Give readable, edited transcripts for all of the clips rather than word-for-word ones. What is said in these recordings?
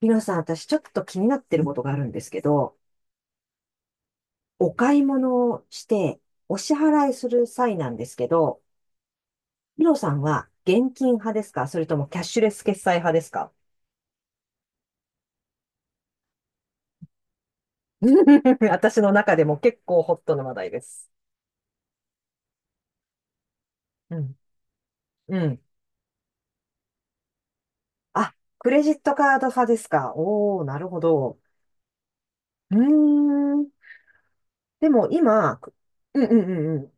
ひろさん、私ちょっと気になってることがあるんですけど、お買い物をして、お支払いする際なんですけど、ひろさんは現金派ですか、それともキャッシュレス決済派ですか？ 私の中でも結構ホットな話題です。うん。うん。あ、クレジットカード派ですか、おー、なるほど。うーん。でも今、く、うんうんうんうん。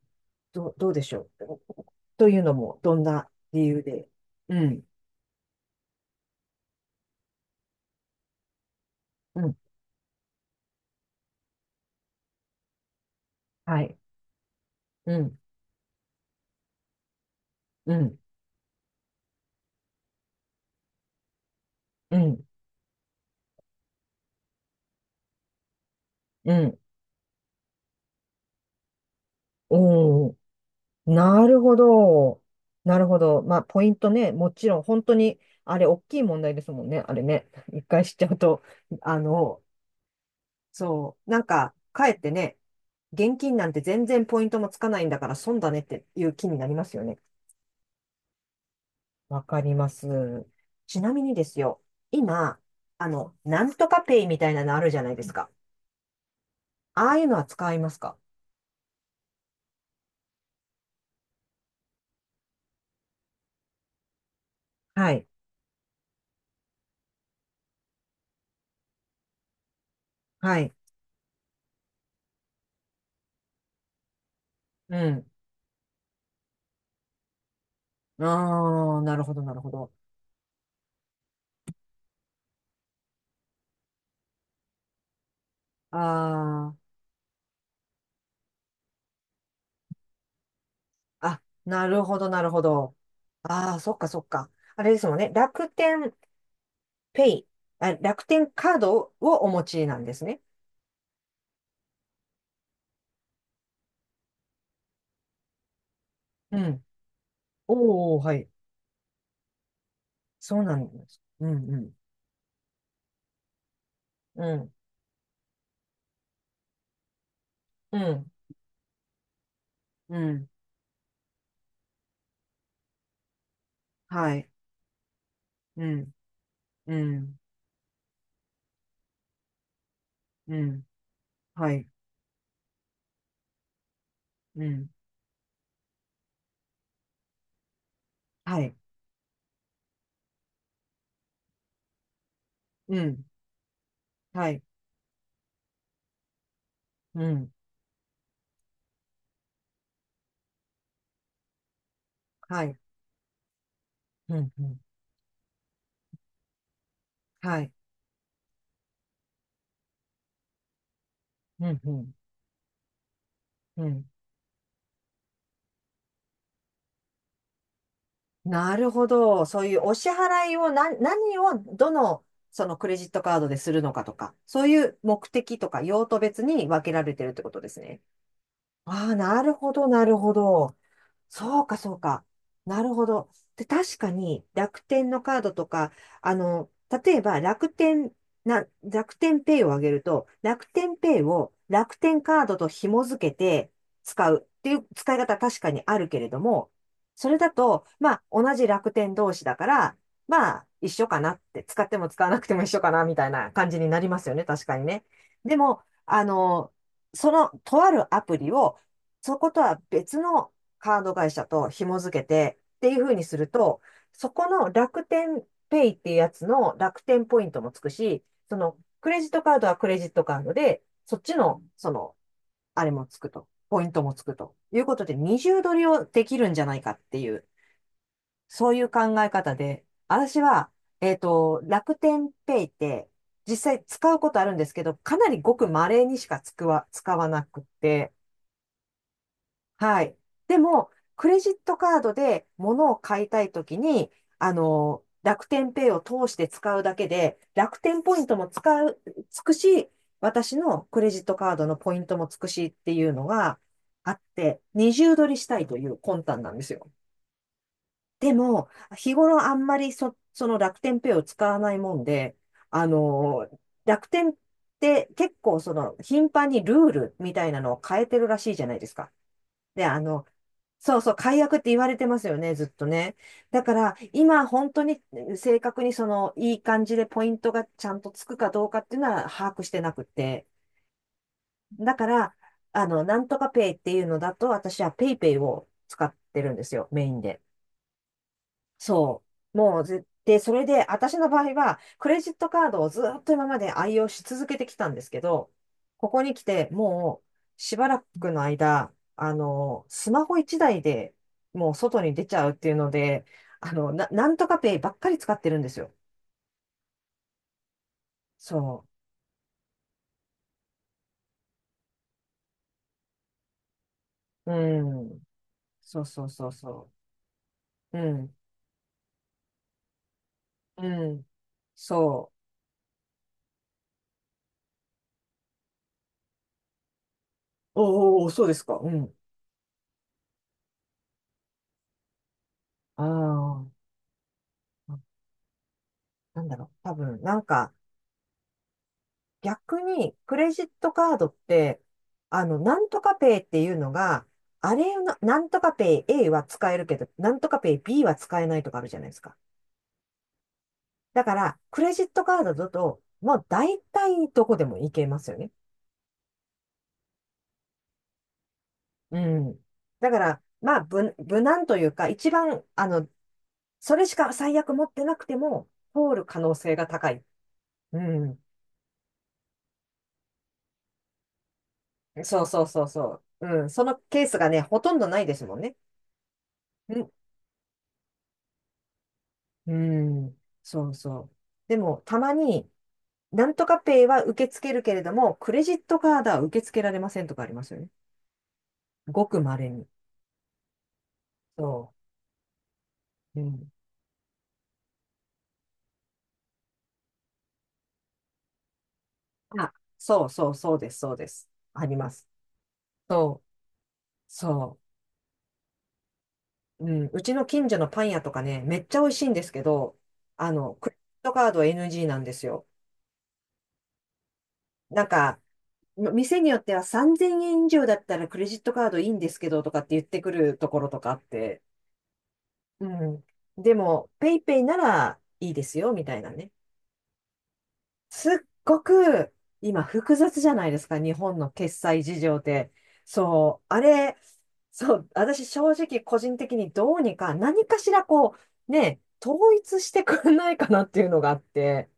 どう、どうでしょう。というのも、どんな理由で。うん。うん。はい。うん。うん。うん。うん。おー、なるほど。なるほど。まあ、ポイントね。もちろん、本当に、あれ、大きい問題ですもんね。あれね。一回知っちゃうと、あの、そう。なんか、かえってね、現金なんて全然ポイントもつかないんだから損だねっていう気になりますよね。わかります。ちなみにですよ。今、なんとかペイみたいなのあるじゃないですか。ああいうのは使いますか？はい。はい。うん。ああ、なるほど、なるほど。ああ。あ、なるほど、なるほど。ああ、そっか、そっか。あれですもんね。楽天ペイ、あ、楽天カードをお持ちなんですね。うん。おお、はい。そうなんです。うん、うん。うん、うん、うん。はい。うん、うん、うん。はい。うん、はい。うん、はい。うん、はい。うん、うん。はい。うん、うん。うん、なるほど。そういうお支払いを何、何をどの、そのクレジットカードでするのかとか、そういう目的とか用途別に分けられてるってことですね。ああ、なるほど、なるほど。そうか、そうか。なるほど。で、確かに楽天のカードとか、あの、例えば楽天、な、楽天ペイをあげると、楽天ペイを楽天カードと紐付けて使うっていう使い方確かにあるけれども、それだと、まあ、同じ楽天同士だから、まあ、一緒かなって、使っても使わなくても一緒かな、みたいな感じになりますよね、確かにね。でも、その、とあるアプリを、そことは別のカード会社と紐付けてっていう風にすると、そこの楽天ペイっていうやつの楽天ポイントもつくし、そのクレジットカードはクレジットカードで、そっちの、その、あれもつくと、ポイントもつくということで、二重取りをできるんじゃないかっていう、そういう考え方で、私は、楽天ペイって、実際使うことあるんですけど、かなりごく稀にしか使わ、使わなくて、はい。でも、クレジットカードで物を買いたいときに、楽天ペイを通して使うだけで、楽天ポイントも使う、つくし、私のクレジットカードのポイントもつくしっていうのがあって、二重取りしたいという魂胆なんですよ。でも、日頃あんまりそ、その楽天ペイを使わないもんで、あの、楽天って結構その頻繁にルールみたいなのを変えてるらしいじゃないですか。で、そうそう、解約って言われてますよね、ずっとね。だから、今本当に正確にその、いい感じでポイントがちゃんとつくかどうかっていうのは把握してなくて。だから、なんとかペイっていうのだと、私はペイペイを使ってるんですよ、メインで。そう。もう絶対、それで、私の場合は、クレジットカードをずっと今まで愛用し続けてきたんですけど、ここに来て、もう、しばらくの間、スマホ一台でもう外に出ちゃうっていうので、あの、な、なんとかペイばっかり使ってるんですよ。そう。うん。そうそうそうそう。うん。うん。そう。おーおー、そうですか。うん。ああ、なんだろう。多分、なんか、逆に、クレジットカードって、なんとかペイっていうのが、あれの、なんとかペイ A は使えるけど、なんとかペイ B は使えないとかあるじゃないですか。だから、クレジットカードだと、もう大体どこでも行けますよね。うん。だから、まあ、無、無難というか、一番、それしか最悪持ってなくても、通る可能性が高い。うん。そうそうそうそう。うん。そのケースがね、ほとんどないですもんね。んうん、そうそう。でも、たまに、なんとかペイは受け付けるけれども、クレジットカードは受け付けられませんとかありますよね。ごく稀に。そう。うん。あ、そうそうそうです、そうです。あります。そう、そう。うん。うちの近所のパン屋とかね、めっちゃ美味しいんですけど、クレジットカードは NG なんですよ。なんか、店によっては3000円以上だったらクレジットカードいいんですけどとかって言ってくるところとかあって、うん。でも、ペイペイならいいですよ、みたいなね。すごく、今、複雑じゃないですか、日本の決済事情って。そう、あれ、そう、私、正直、個人的にどうにか、何かしら、こう、ね、統一してくれないかなっていうのがあって、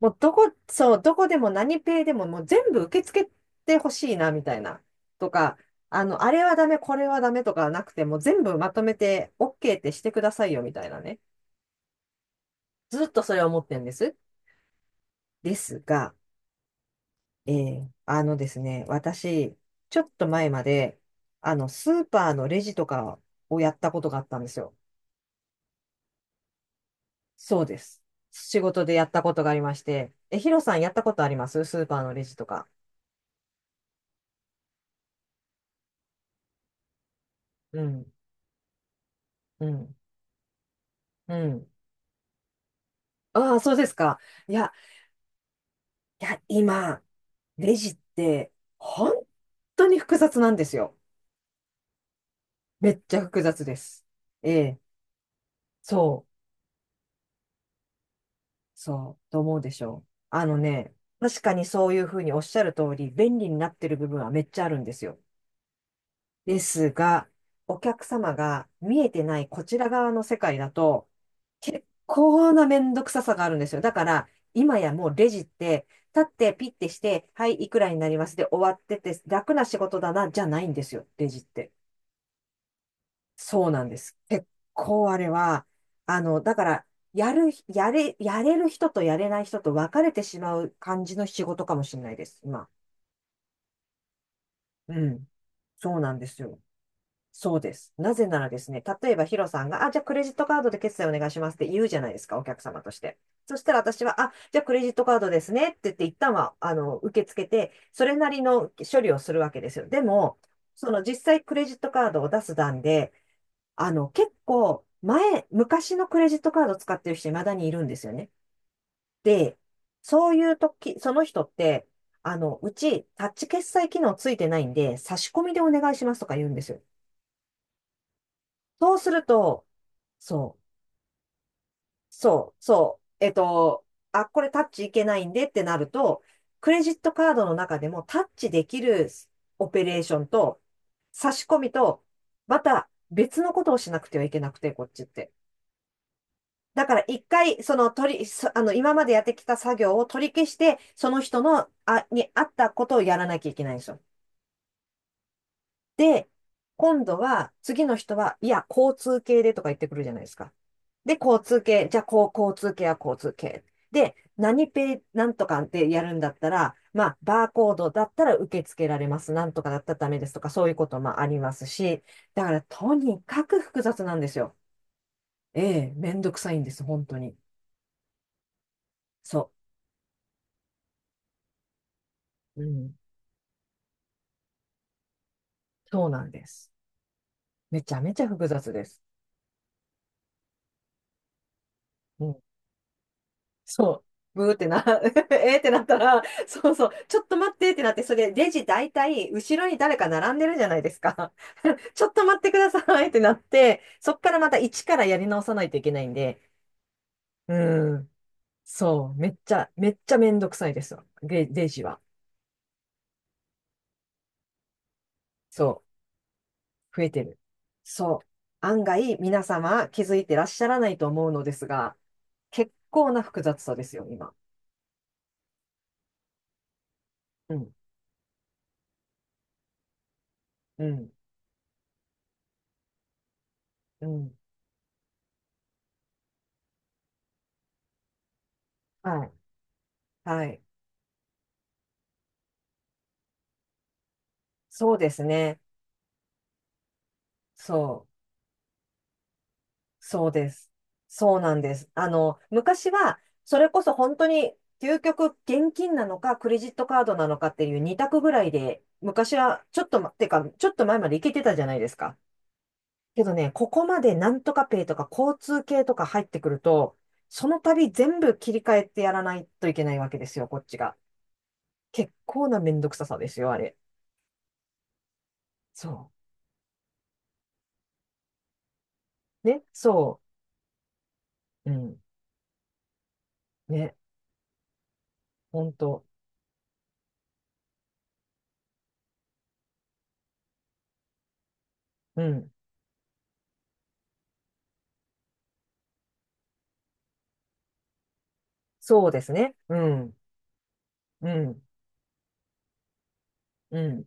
もう、どこ、そう、どこでも何ペイでも、もう全部受け付けてほしいな、みたいな。とか、あれはダメ、これはダメとかなくて、もう全部まとめて OK ってしてくださいよ、みたいなね。ずっとそれを思ってるんです。ですが、ですね、私、ちょっと前まで、スーパーのレジとかをやったことがあったんですよ。そうです。仕事でやったことがありまして、え、ヒロさんやったことありますスーパーのレジとか。うん、うん、うん。ああ、そうですか。いや、いや、今、レジって、本当に複雑なんですよ。めっちゃ複雑です。ええ、そう。そう、と思うでしょう。あのね、確かにそういうふうにおっしゃる通り、便利になってる部分はめっちゃあるんですよ。ですが、お客様が見えてないこちら側の世界だと、結構なめんどくささがあるんですよ。だから、今やもうレジって、立ってピッてして、はい、いくらになりますで終わってて、楽な仕事だな、じゃないんですよ、レジって。そうなんです。結構あれは、だから、やる、やれ、やれる人とやれない人と分かれてしまう感じの仕事かもしれないです、今。うん。そうなんですよ。そうです。なぜならですね、例えばヒロさんが、あ、じゃあクレジットカードで決済お願いしますって言うじゃないですか、お客様として。そしたら私は、あ、じゃあクレジットカードですねって言って、一旦は、受け付けて、それなりの処理をするわけですよ。でも、その実際クレジットカードを出す段で、結構、昔のクレジットカード使ってる人、未だにいるんですよね。で、そういう時、その人って、うち、タッチ決済機能ついてないんで、差し込みでお願いしますとか言うんですよ。そうすると、そう、そう、そう、えっと、あ、これタッチいけないんでってなると、クレジットカードの中でもタッチできるオペレーションと、差し込みと、また別のことをしなくてはいけなくて、こっちって。だから一回、その取り、そあの、今までやってきた作業を取り消して、その人に合ったことをやらなきゃいけないんですよ。で、今度は、次の人は、いや、交通系でとか言ってくるじゃないですか。で、交通系、じゃあ、こう、交通系は交通系。で、何ペイ、なんとかってやるんだったら、まあ、バーコードだったら受け付けられます。なんとかだったらダメですとか、そういうこともありますし、だから、とにかく複雑なんですよ。ええ、めんどくさいんです、本当に。そう。うん、そうなんです。めちゃめちゃ複雑です。うん。そう。ブーってな、えーってなったら、そうそう、ちょっと待ってってなって、それレジ大体後ろに誰か並んでるじゃないですか。ちょっと待ってくださいってなって、そっからまた一からやり直さないといけないんで、うん。そう。めっちゃめんどくさいですよ。レジは。そう。増えてる。そう。案外皆様気づいてらっしゃらないと思うのですが、結構な複雑さですよ、今。うん。うん。うん。はい。はい。そうですね。そう。そうです。そうなんです。昔は、それこそ本当に、究極現金なのか、クレジットカードなのかっていう二択ぐらいで、昔は、ちょっと前までいけてたじゃないですか。けどね、ここまでなんとかペイとか交通系とか入ってくると、その度全部切り替えてやらないといけないわけですよ、こっちが。結構なめんどくささですよ、あれ。そう。ね、そう。うん。ね、ほんと。うん。そうですね。うん。うん。うん。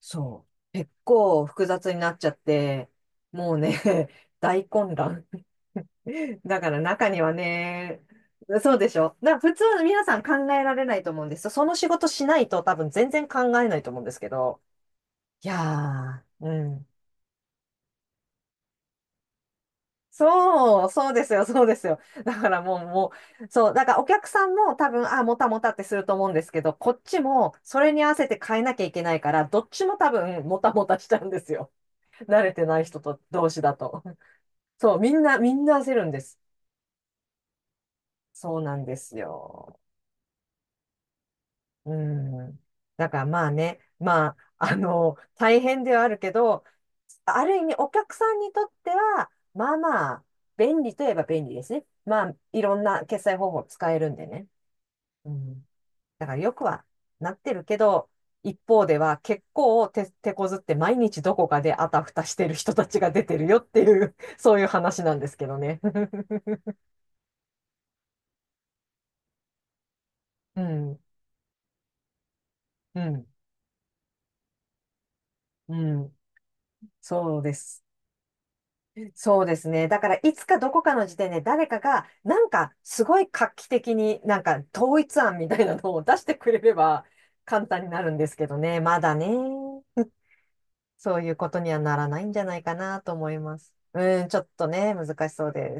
そう。結構複雑になっちゃって、もうね、大混乱。だから中にはね、そうでしょ。だから普通の皆さん考えられないと思うんですよ。その仕事しないと多分全然考えないと思うんですけど。いやー、うん。そう、そうですよ、そうですよ。だからもう、もう、そう、だからお客さんも多分、あ、もたもたってすると思うんですけど、こっちもそれに合わせて変えなきゃいけないから、どっちも多分、もたもたしちゃうんですよ。慣れてない人と同士だと。そう、みんな、みんな焦るんです。そうなんですよ。うん。だからまあね、まあ、大変ではあるけど、ある意味お客さんにとっては、まあまあ、便利といえば便利ですね。まあ、いろんな決済方法使えるんでね。うん。だからよくはなってるけど、一方では結構手こずって毎日どこかであたふたしてる人たちが出てるよっていう、そういう話なんですけどね。うん、うん、うん。そうです。そうですね。だから、いつかどこかの時点で誰かが、なんか、すごい画期的に、なんか、統一案みたいなのを出してくれれば、簡単になるんですけどね。まだね、そういうことにはならないんじゃないかなと思います。うん、ちょっとね、難しそうです。